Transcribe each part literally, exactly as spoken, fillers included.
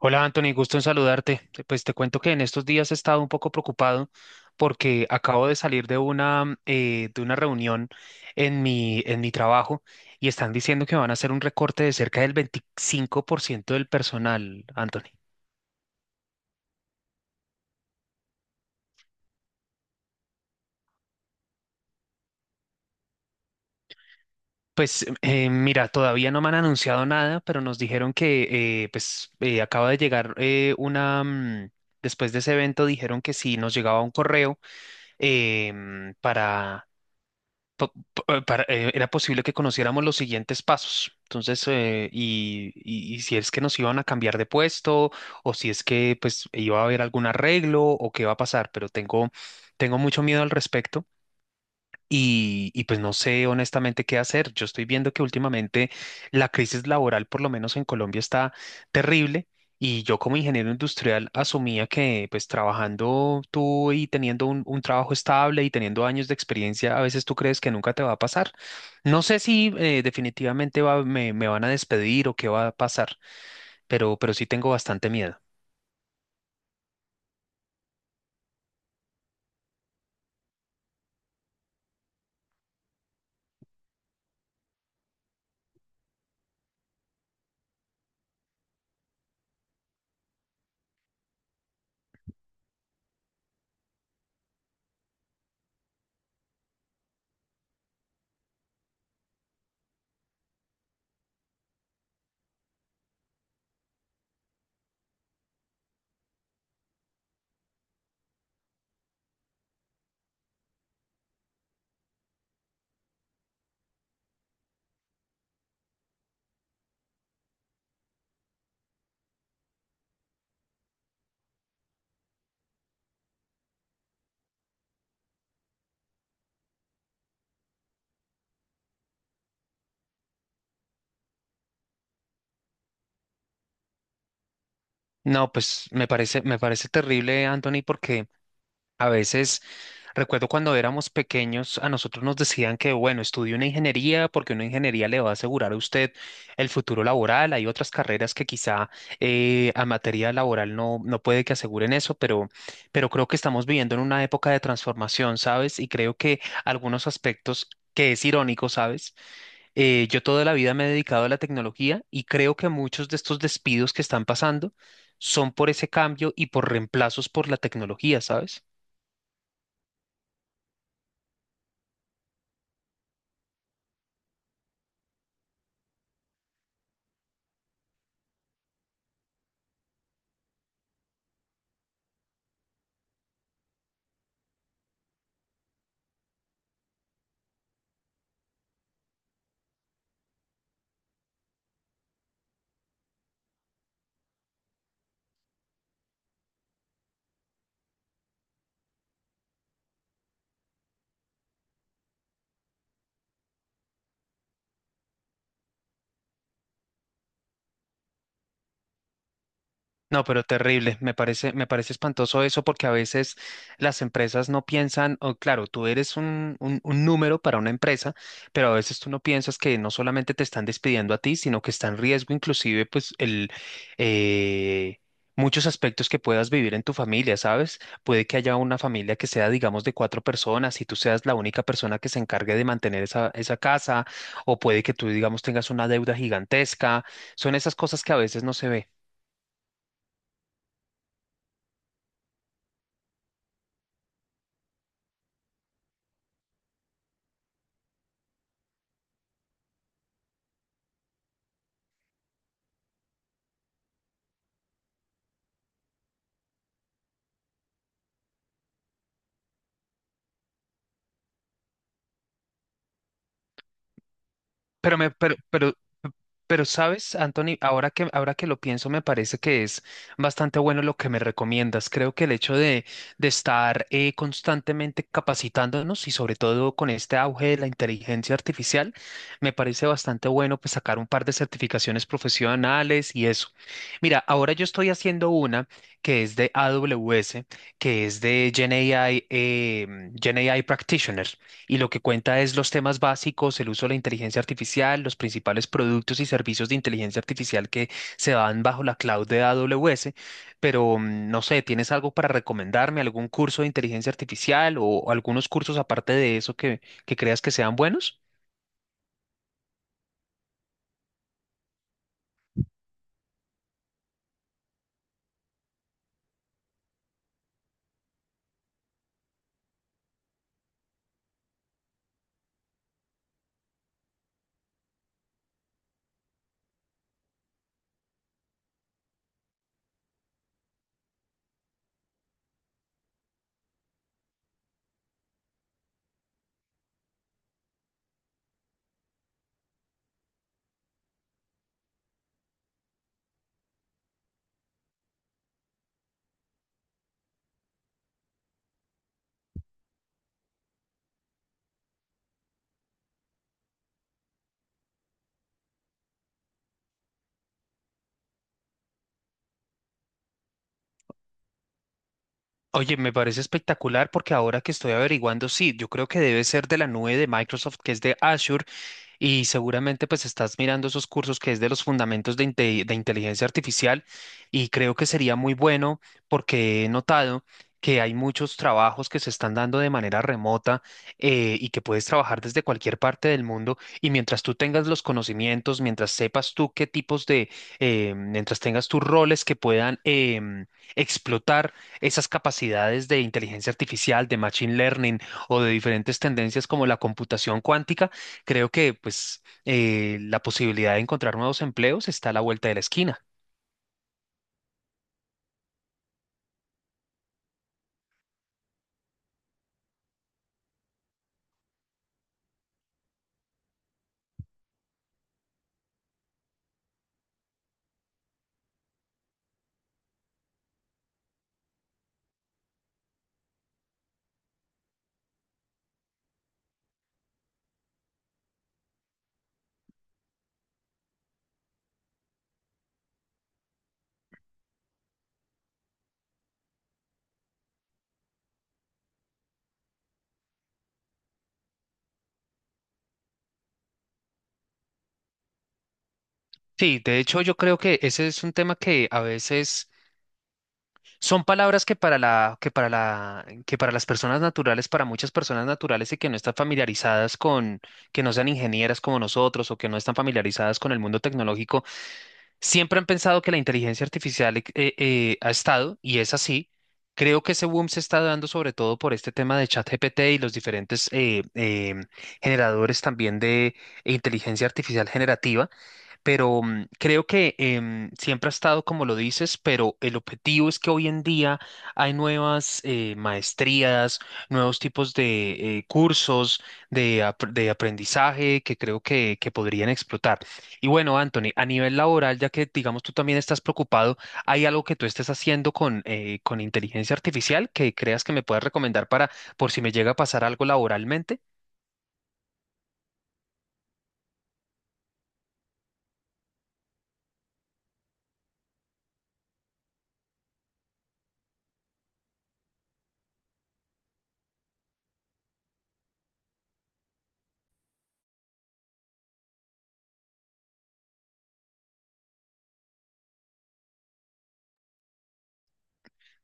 Hola Anthony, gusto en saludarte. Pues te cuento que en estos días he estado un poco preocupado porque acabo de salir de una, eh, de una reunión en mi, en mi trabajo y están diciendo que van a hacer un recorte de cerca del veinticinco por ciento del personal, Anthony. Pues eh, mira, todavía no me han anunciado nada, pero nos dijeron que eh, pues eh, acaba de llegar eh, una... mm, Después de ese evento dijeron que sí, nos llegaba un correo em, para pa- pa- para- eh, era posible que conociéramos los siguientes pasos. Entonces, eh, y, y- y si es que nos iban a cambiar de puesto o si es que pues iba a haber algún arreglo o qué va a pasar, pero tengo, tengo mucho miedo al respecto. Y, y pues no sé honestamente qué hacer. Yo estoy viendo que últimamente la crisis laboral, por lo menos en Colombia, está terrible. Y yo como ingeniero industrial asumía que pues trabajando tú y teniendo un, un trabajo estable y teniendo años de experiencia, a veces tú crees que nunca te va a pasar. No sé si eh, definitivamente va- me, me van a despedir o qué va a pasar, pero, pero sí tengo bastante miedo. No, pues me parece, me parece terrible, Anthony, porque a veces... Recuerdo cuando éramos pequeños, a nosotros nos decían que, bueno, estudie una ingeniería porque una ingeniería le va a asegurar a usted el futuro laboral. Hay otras carreras que quizá eh, a materia laboral no, no puede que aseguren eso, pero, pero creo que estamos viviendo en una época de transformación, ¿sabes? Y creo que algunos aspectos que es irónico, ¿sabes? Eh, yo toda la vida me he dedicado a la tecnología y creo que muchos de estos despidos que están pasando son por ese cambio y por reemplazos por la tecnología, ¿sabes? No, pero terrible. Me parece, me parece espantoso eso porque a veces las empresas no piensan, o claro, tú eres un, un, un número para una empresa, pero a veces tú no piensas que no solamente te están despidiendo a ti, sino que está en riesgo inclusive pues el eh, muchos aspectos que puedas vivir en tu familia, ¿sabes? Puede que haya una familia que sea, digamos, de cuatro personas y tú seas la única persona que se encargue de mantener esa, esa casa, o puede que tú, digamos, tengas una deuda gigantesca. Son esas cosas que a veces no se ve. Pero me, pero, pero, pero sabes, Anthony, ahora que, ahora que lo pienso, me parece que es bastante bueno lo que me recomiendas. Creo que el hecho de, de estar eh, constantemente capacitándonos y sobre todo con este auge de la inteligencia artificial, me parece bastante bueno pues sacar un par de certificaciones profesionales y eso. Mira, ahora yo estoy haciendo una que es de A W S, que es de GenAI, eh, GenAI Practitioner. Y lo que cuenta es los temas básicos, el uso de la inteligencia artificial, los principales productos y servicios de inteligencia artificial que se dan bajo la cloud de A W S. Pero mm, no sé, ¿tienes algo para recomendarme? ¿Algún curso de inteligencia artificial o o algunos cursos aparte de eso que, que creas que sean buenos? Oye, me parece espectacular porque ahora que estoy averiguando, sí, yo creo que debe ser de la nube de Microsoft, que es de Azure, y seguramente pues estás mirando esos cursos que es de los fundamentos de, inte- de inteligencia artificial y creo que sería muy bueno porque he notado que hay muchos trabajos que se están dando de manera remota eh, y que puedes trabajar desde cualquier parte del mundo y mientras tú tengas los conocimientos, mientras sepas tú qué tipos de, eh, mientras tengas tus roles que puedan em, explotar esas capacidades de inteligencia artificial, de machine learning o de diferentes tendencias como la computación cuántica, creo que pues eh, la posibilidad de encontrar nuevos empleos está a la vuelta de la esquina. Sí, de hecho yo creo que ese es un tema que a veces son palabras que para la, que para la, que para las personas naturales, para muchas personas naturales y que no están familiarizadas con, que no sean ingenieras como nosotros o que no están familiarizadas con el mundo tecnológico. Siempre han pensado que la inteligencia artificial eh, eh, ha estado, y es así. Creo que ese boom se está dando sobre todo por este tema de ChatGPT y los diferentes eh, eh, generadores también de inteligencia artificial generativa, pero mm, creo que em, siempre ha estado como lo dices, pero el objetivo es que hoy en día hay nuevas eh, maestrías, nuevos tipos de eh, cursos de, ap- de aprendizaje que creo que, que podrían explotar. Y bueno, Anthony, a nivel laboral, ya que digamos tú también estás preocupado, ¿hay algo que tú estés haciendo con, eh, con inteligencia artificial que creas que me puedas recomendar para por si me llega a pasar algo laboralmente?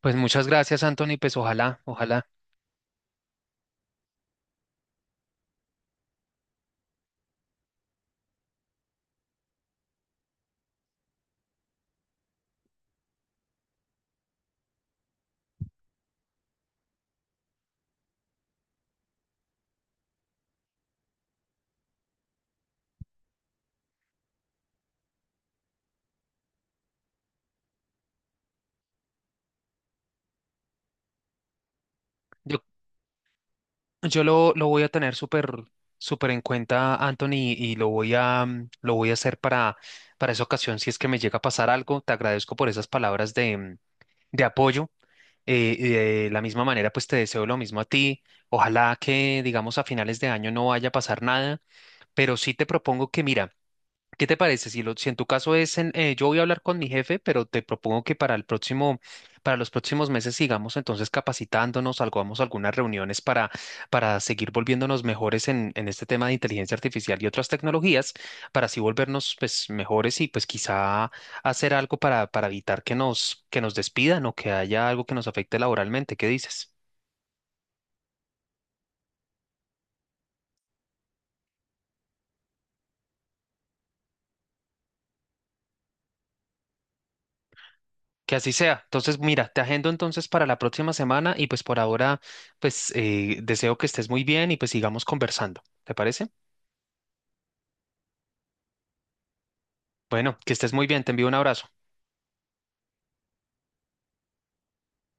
Pues muchas gracias, Anthony, pues ojalá, ojalá. Yo Yo lo, lo voy a tener súper súper en cuenta, Anthony, y lo voy a, mm, lo voy a hacer para, para esa ocasión. Si es que me llega a pasar algo, te agradezco por esas palabras de, mm, de apoyo. eh, y de la misma manera, pues te deseo lo mismo a ti. Ojalá que, digamos, a finales de año no vaya a pasar nada, pero sí te propongo que, mira, ¿qué te parece? Si, lo, si en tu caso es, en- eh, yo voy a hablar con mi jefe, pero te propongo que para el próximo, para los próximos meses sigamos entonces capacitándonos, hagamos algunas reuniones para, para seguir volviéndonos mejores en, en este tema de inteligencia artificial y otras tecnologías, para así volvernos pues mejores y pues quizá hacer algo para, para evitar que nos, que nos despidan o que haya algo que nos afecte laboralmente. ¿Qué dices? Que así sea. Entonces, mira, te agendo entonces para la próxima semana y pues por ahora, pues eh, deseo que estés muy bien y pues sigamos conversando. ¿Te parece? Bueno, que estés muy bien. Te envío un abrazo.